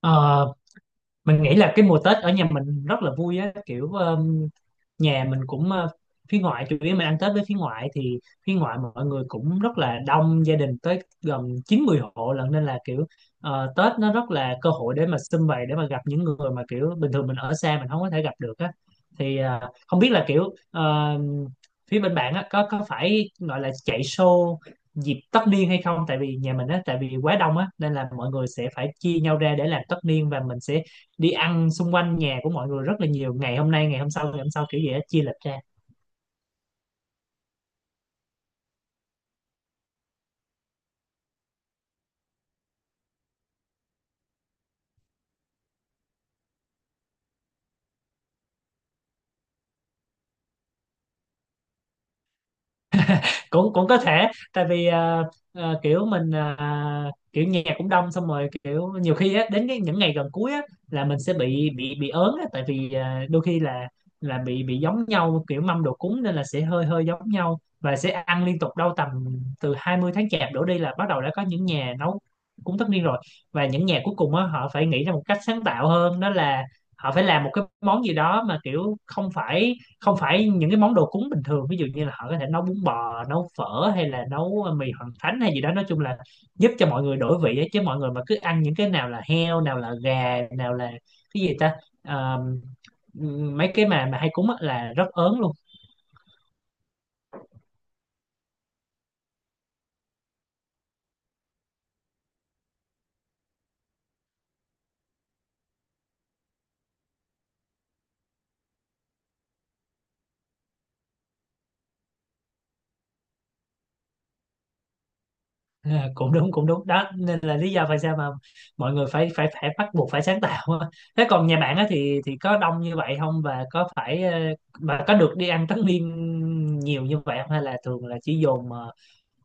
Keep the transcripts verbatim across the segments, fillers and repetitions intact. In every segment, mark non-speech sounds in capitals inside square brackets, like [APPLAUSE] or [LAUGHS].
ờ mình nghĩ là cái mùa Tết ở nhà mình rất là vui á kiểu um, nhà mình cũng ờ, phía ngoại chủ yếu mình ăn Tết với phía ngoại thì phía ngoại mọi người cũng rất là đông gia đình tới gần chín mươi hộ lận, nên là kiểu ờ, Tết nó rất là cơ hội để mà sum vầy, để mà gặp những người mà kiểu bình thường mình ở xa mình không có thể gặp được á. Thì ờ, không biết là kiểu ờ, phía bên bạn á có có phải gọi là chạy show dịp tất niên hay không, tại vì nhà mình á tại vì quá đông á nên là mọi người sẽ phải chia nhau ra để làm tất niên, và mình sẽ đi ăn xung quanh nhà của mọi người rất là nhiều, ngày hôm nay ngày hôm sau ngày hôm sau, kiểu gì đó chia lịch ra. [LAUGHS] cũng cũng có thể, tại vì ờ, ờ, kiểu mình ờ, kiểu nhà cũng đông xong rồi kiểu nhiều khi á, đến cái những ngày gần cuối á, là mình sẽ bị bị bị ớn á, tại vì ờ, đôi khi là là bị bị giống nhau kiểu mâm đồ cúng, nên là sẽ hơi hơi giống nhau và sẽ ăn liên tục đâu tầm từ hai mươi tháng chạp đổ đi là bắt đầu đã có những nhà nấu cúng tất niên rồi. Và những nhà cuối cùng á, họ phải nghĩ ra một cách sáng tạo hơn, đó là họ phải làm một cái món gì đó mà kiểu không phải không phải những cái món đồ cúng bình thường, ví dụ như là họ có thể nấu bún bò, nấu phở, hay là nấu ờ, mì hoằng thánh hay gì đó, nói chung là giúp cho mọi người đổi vị ấy. Chứ mọi người mà cứ ăn những cái nào là heo, nào là gà, nào là cái gì ta. Ờ, mấy cái mà mà hay cúng á là rất ớn luôn. [LAUGHS] À, cũng đúng cũng đúng đó, nên là lý do tại sao mà mọi người phải phải phải bắt buộc phải sáng tạo á. Thế còn nhà bạn á thì thì có đông như vậy không, và có phải ờ, mà có được đi ăn tất niên nhiều như vậy không, hay là thường là chỉ dồn ờ,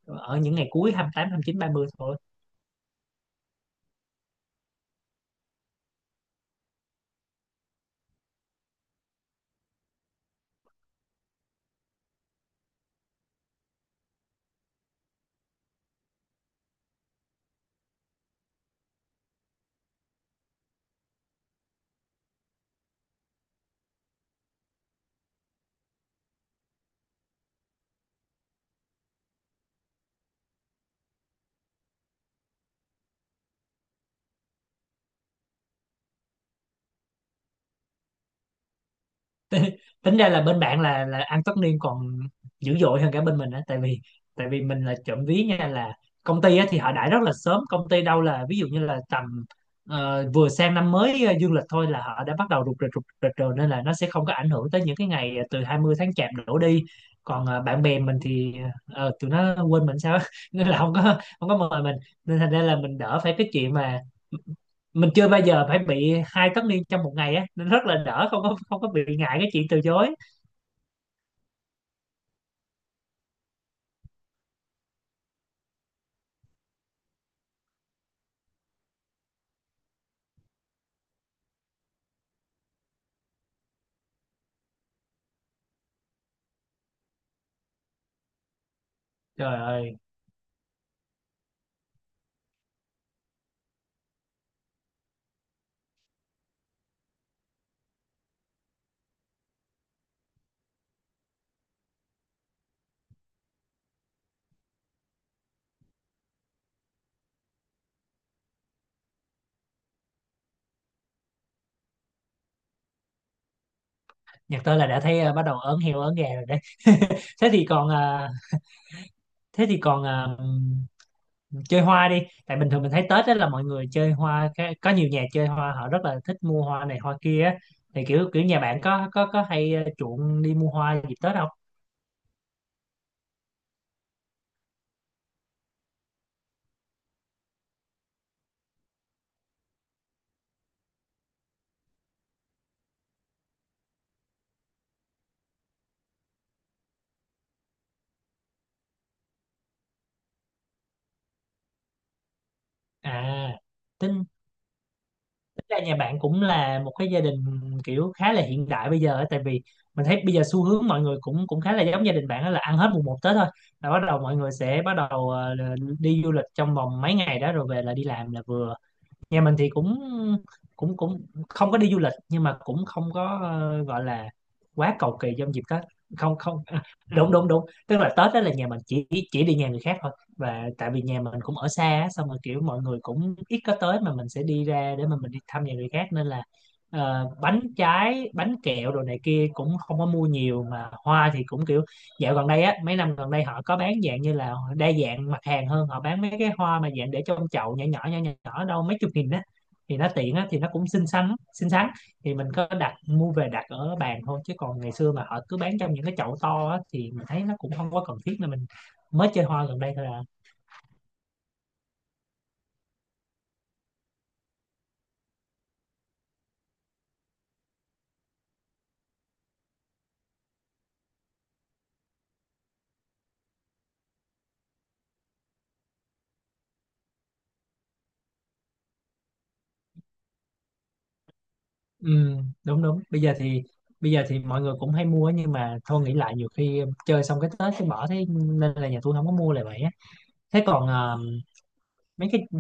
ở những ngày cuối, hai hai tám, hai mươi chín, ba mươi thôi. Tính ra là bên bạn là là ăn tất niên còn dữ dội hơn cả bên mình á, tại vì tại vì mình là trộm ví nha, là công ty á thì họ đãi rất là sớm, công ty đâu là ví dụ như là tầm ờ, vừa sang năm mới ờ, dương lịch thôi là họ đã bắt đầu rục rịch rục rịch rồi, nên là nó sẽ không có ảnh hưởng tới những cái ngày ờ, từ hai mươi tháng chạp đổ đi. Còn ờ, bạn bè mình thì ờ, tụi nó quên mình sao á. [LAUGHS] nên là không có không có mời mình, nên thành ra là mình đỡ phải cái chuyện mà mình chưa bao giờ phải bị hai tất niên trong một ngày á, nên rất là đỡ, không có không có bị ngại cái chuyện từ chối. Trời ơi! Nhắc tới là đã thấy ờ, bắt đầu ớn heo ớn gà rồi đấy. [LAUGHS] thế thì còn à, Thế thì còn à, chơi hoa đi, tại bình thường mình thấy Tết đó là mọi người chơi hoa cái- có nhiều nhà chơi hoa họ rất là thích mua hoa này hoa kia á, thì kiểu kiểu nhà bạn có có có hay ờ, chuộng đi mua hoa dịp Tết không? À, tính tính ra nhà bạn cũng là một cái gia đình kiểu khá là hiện đại bây giờ á, tại vì mình thấy bây giờ xu hướng mọi người cũng cũng khá là giống gia đình bạn, đó là ăn hết mùng một Tết thôi là bắt đầu mọi người sẽ bắt đầu ờ, đi du lịch trong vòng mấy ngày đó rồi về là đi làm là vừa. Nhà mình thì cũng cũng cũng không có đi du lịch, nhưng mà cũng không có ờ, gọi là quá cầu kỳ trong dịp Tết. Không không, à, đúng đúng đúng, tức là Tết đó là nhà mình chỉ chỉ đi nhà người khác thôi, và tại vì nhà mình cũng ở xa á, xong rồi kiểu mọi người cũng ít có tới, mà mình sẽ đi ra để mà mình đi thăm nhà người khác, nên là ờ, bánh trái bánh kẹo đồ này kia cũng không có mua nhiều. Mà hoa thì cũng kiểu dạo gần đây á mấy năm gần đây họ có bán dạng như là đa dạng mặt hàng hơn, họ bán mấy cái hoa mà dạng để trong chậu nhỏ nhỏ nhỏ nhỏ nhỏ đâu mấy chục nghìn á, thì nó tiện á, thì nó cũng xinh xắn xinh xắn. Thì mình có đặt mua về đặt ở bàn thôi, chứ còn ngày xưa mà họ cứ bán trong những cái chậu to á thì mình thấy nó cũng không có cần thiết, nên mình mới chơi hoa gần đây thôi à. Ừ, đúng đúng. Bây giờ thì bây giờ thì mọi người cũng hay mua á, nhưng mà thôi nghĩ lại nhiều khi chơi xong cái Tết cái bỏ, thế nên là nhà tôi không có mua lại vậy á. Thế còn mấy cái ừ,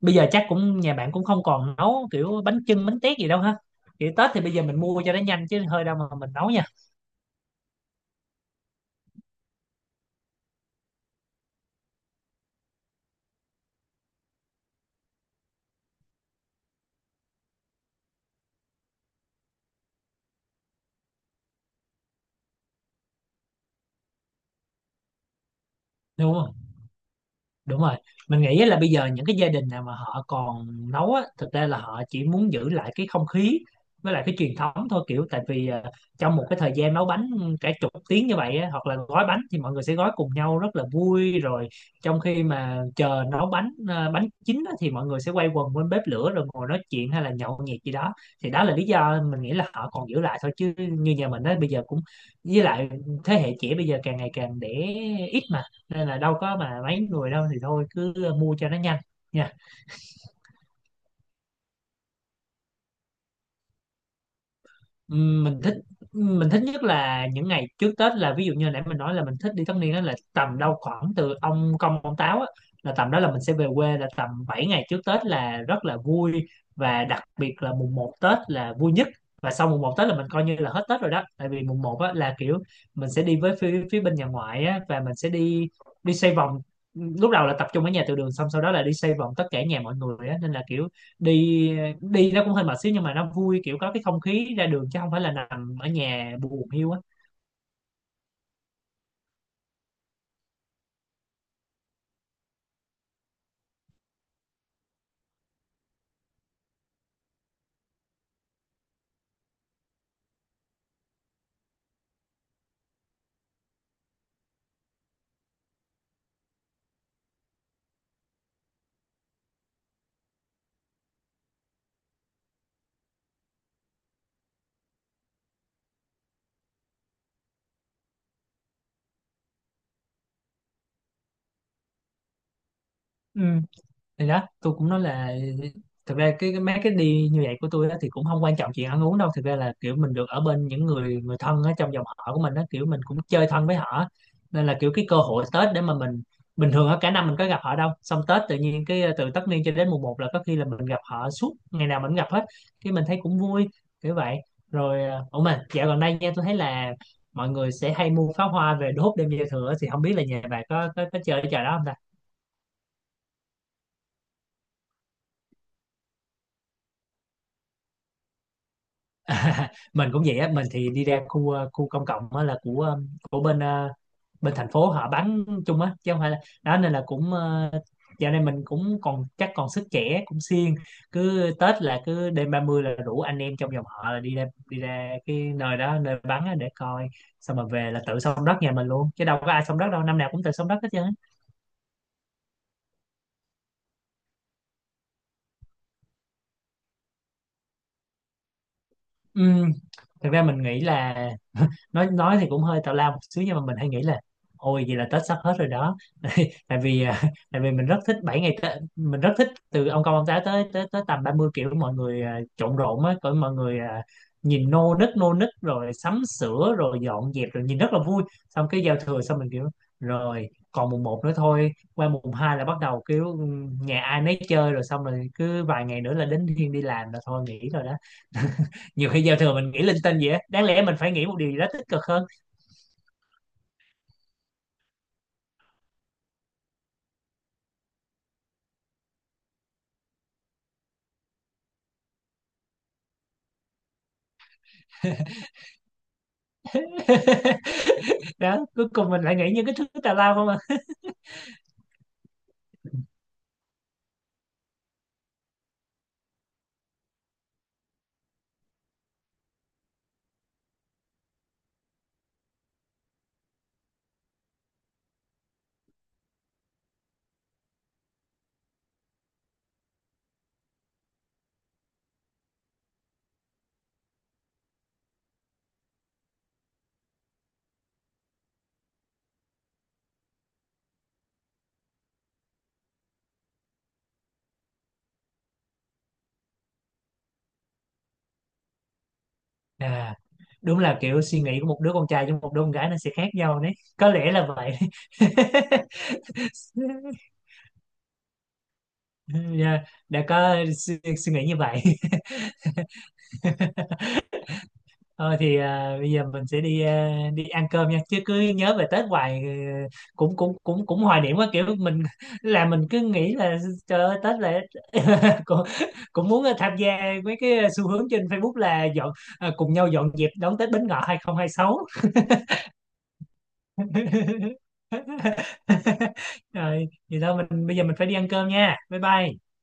bây giờ chắc cũng nhà bạn cũng không còn nấu kiểu bánh chưng bánh tét gì đâu ha, kiểu Tết thì bây giờ mình mua cho nó nhanh chứ hơi đâu mà mình nấu nha, đúng không? Đúng rồi. Mình nghĩ là bây giờ những cái gia đình nào mà họ còn nấu á thực ra là họ chỉ muốn giữ lại cái không khí với lại cái truyền thống thôi, kiểu tại vì à, trong một cái thời gian nấu bánh cả chục tiếng như vậy á, hoặc là gói bánh thì mọi người sẽ gói cùng nhau rất là vui rồi, trong khi mà chờ nấu bánh à, bánh chín á, thì mọi người sẽ quay quần bên bếp lửa rồi ngồi nói chuyện hay là nhậu nhẹt gì đó. Thì đó là lý do mình nghĩ là họ còn giữ lại thôi, chứ như nhà mình á bây giờ cũng, với lại thế hệ trẻ bây giờ càng ngày càng đẻ ít mà, nên là đâu có mà mấy người đâu, thì thôi cứ ờ, mua cho nó nhanh nha. Ừm, mình thích mình thích nhất là những ngày trước Tết, là ví dụ như nãy mình nói là mình thích đi tất niên, đó là tầm đâu khoảng từ ông Công ông Táo á, là tầm đó là mình sẽ về quê, là tầm bảy ngày trước Tết là rất là vui. Và đặc biệt là mùng một Tết là vui nhất. Và sau mùng một Tết là mình coi như là hết Tết rồi đó, tại vì mùng một á là kiểu mình sẽ đi với phía, phía bên nhà ngoại á, và mình sẽ đi đi xoay vòng. Lúc đầu là tập trung ở nhà từ đường, xong sau đó là đi xoay vòng tất cả nhà mọi người á, nên là kiểu đi đi nó cũng hơi mệt xíu, nhưng mà nó vui, kiểu có cái không khí ra đường chứ không phải là nằm ở nhà buồn hiu á. Ừ, thì đó tôi cũng nói là thực ra cái, cái mấy cái đi như vậy của tôi á, thì cũng không quan trọng chuyện ăn uống đâu. Thực ra là kiểu mình được ở bên những người người thân ở trong dòng họ của mình á, kiểu mình cũng chơi thân với họ, nên là kiểu cái cơ hội Tết để mà mình, bình thường á cả năm mình có gặp họ đâu, xong Tết tự nhiên cái ờ, từ tất niên cho đến mùng một là có khi là mình gặp họ suốt, ngày nào mình cũng gặp hết, cái mình thấy cũng vui kiểu vậy. Rồi à, ủa mà dạo gần đây nha tôi thấy là mọi người sẽ hay mua pháo hoa về đốt đêm giao thừa á, thì không biết là nhà bà có có, có chơi cái trò đó không ta? [LAUGHS] Mình cũng vậy á. Mình thì đi ra khu ờ, khu công cộng á là của ờ, của bên ờ, bên thành phố họ bắn chung á chứ không phải là đó, nên là cũng ờ, dạo này mình cũng còn chắc còn sức trẻ cũng siêng, cứ Tết là cứ đêm ba mươi là rủ anh em trong dòng họ là đi ra, đi ra cái nơi đó nơi bắn á để coi, xong mà về là tự xông đất nhà mình luôn, chứ đâu có ai xông đất đâu, năm nào cũng tự xông đất hết trơn á. Ừ. Thực ra mình nghĩ là nói nói thì cũng hơi tào lao một xíu, nhưng mà mình hay nghĩ là ôi vậy là Tết sắp hết rồi đó. [LAUGHS] tại vì à, tại vì mình rất thích bảy ngày Tết. Mình rất thích từ ông công ông táo tới tới tới tầm ba mươi, kiểu mọi người à, trộn rộn á, cỡ mọi người à, nhìn nô nức nô nức rồi sắm sửa rồi dọn dẹp rồi, nhìn rất là vui. Xong cái giao thừa xong mình kiểu rồi còn mùng một nữa thôi, qua mùng hai là bắt đầu kiểu ừ, nhà ai nấy chơi rồi, xong rồi cứ vài ngày nữa là đến thiên đi làm là thôi nghỉ rồi đó. [LAUGHS] Nhiều khi giao thừa mình nghĩ linh tinh vậy á, đáng lẽ mình phải nghĩ một điều gì đó tích cực hơn. [LAUGHS] Đó, cuối cùng mình lại nghĩ những cái thứ tào lao không à. À, đúng là kiểu suy nghĩ của một đứa con trai với một đứa con gái nó sẽ khác nhau đấy, có lẽ là vậy. [LAUGHS] Yeah, đã có suy, suy nghĩ như vậy. [LAUGHS] Thôi thì à, bây giờ mình sẽ đi à, đi ăn cơm nha, chứ cứ nhớ về Tết hoài, ừ, cũng cũng cũng cũng hoài niệm quá, kiểu mình [LAUGHS] là mình cứ nghĩ là trời ơi Tết là [LAUGHS] cũng, cũng muốn ờ, tham gia mấy cái xu hướng trên Facebook là dọn à, cùng nhau dọn dẹp đón Tết Bính Ngọ hai không hai sáu. [LAUGHS] Rồi thì thôi, mình bây giờ mình phải đi ăn cơm nha, bye bye.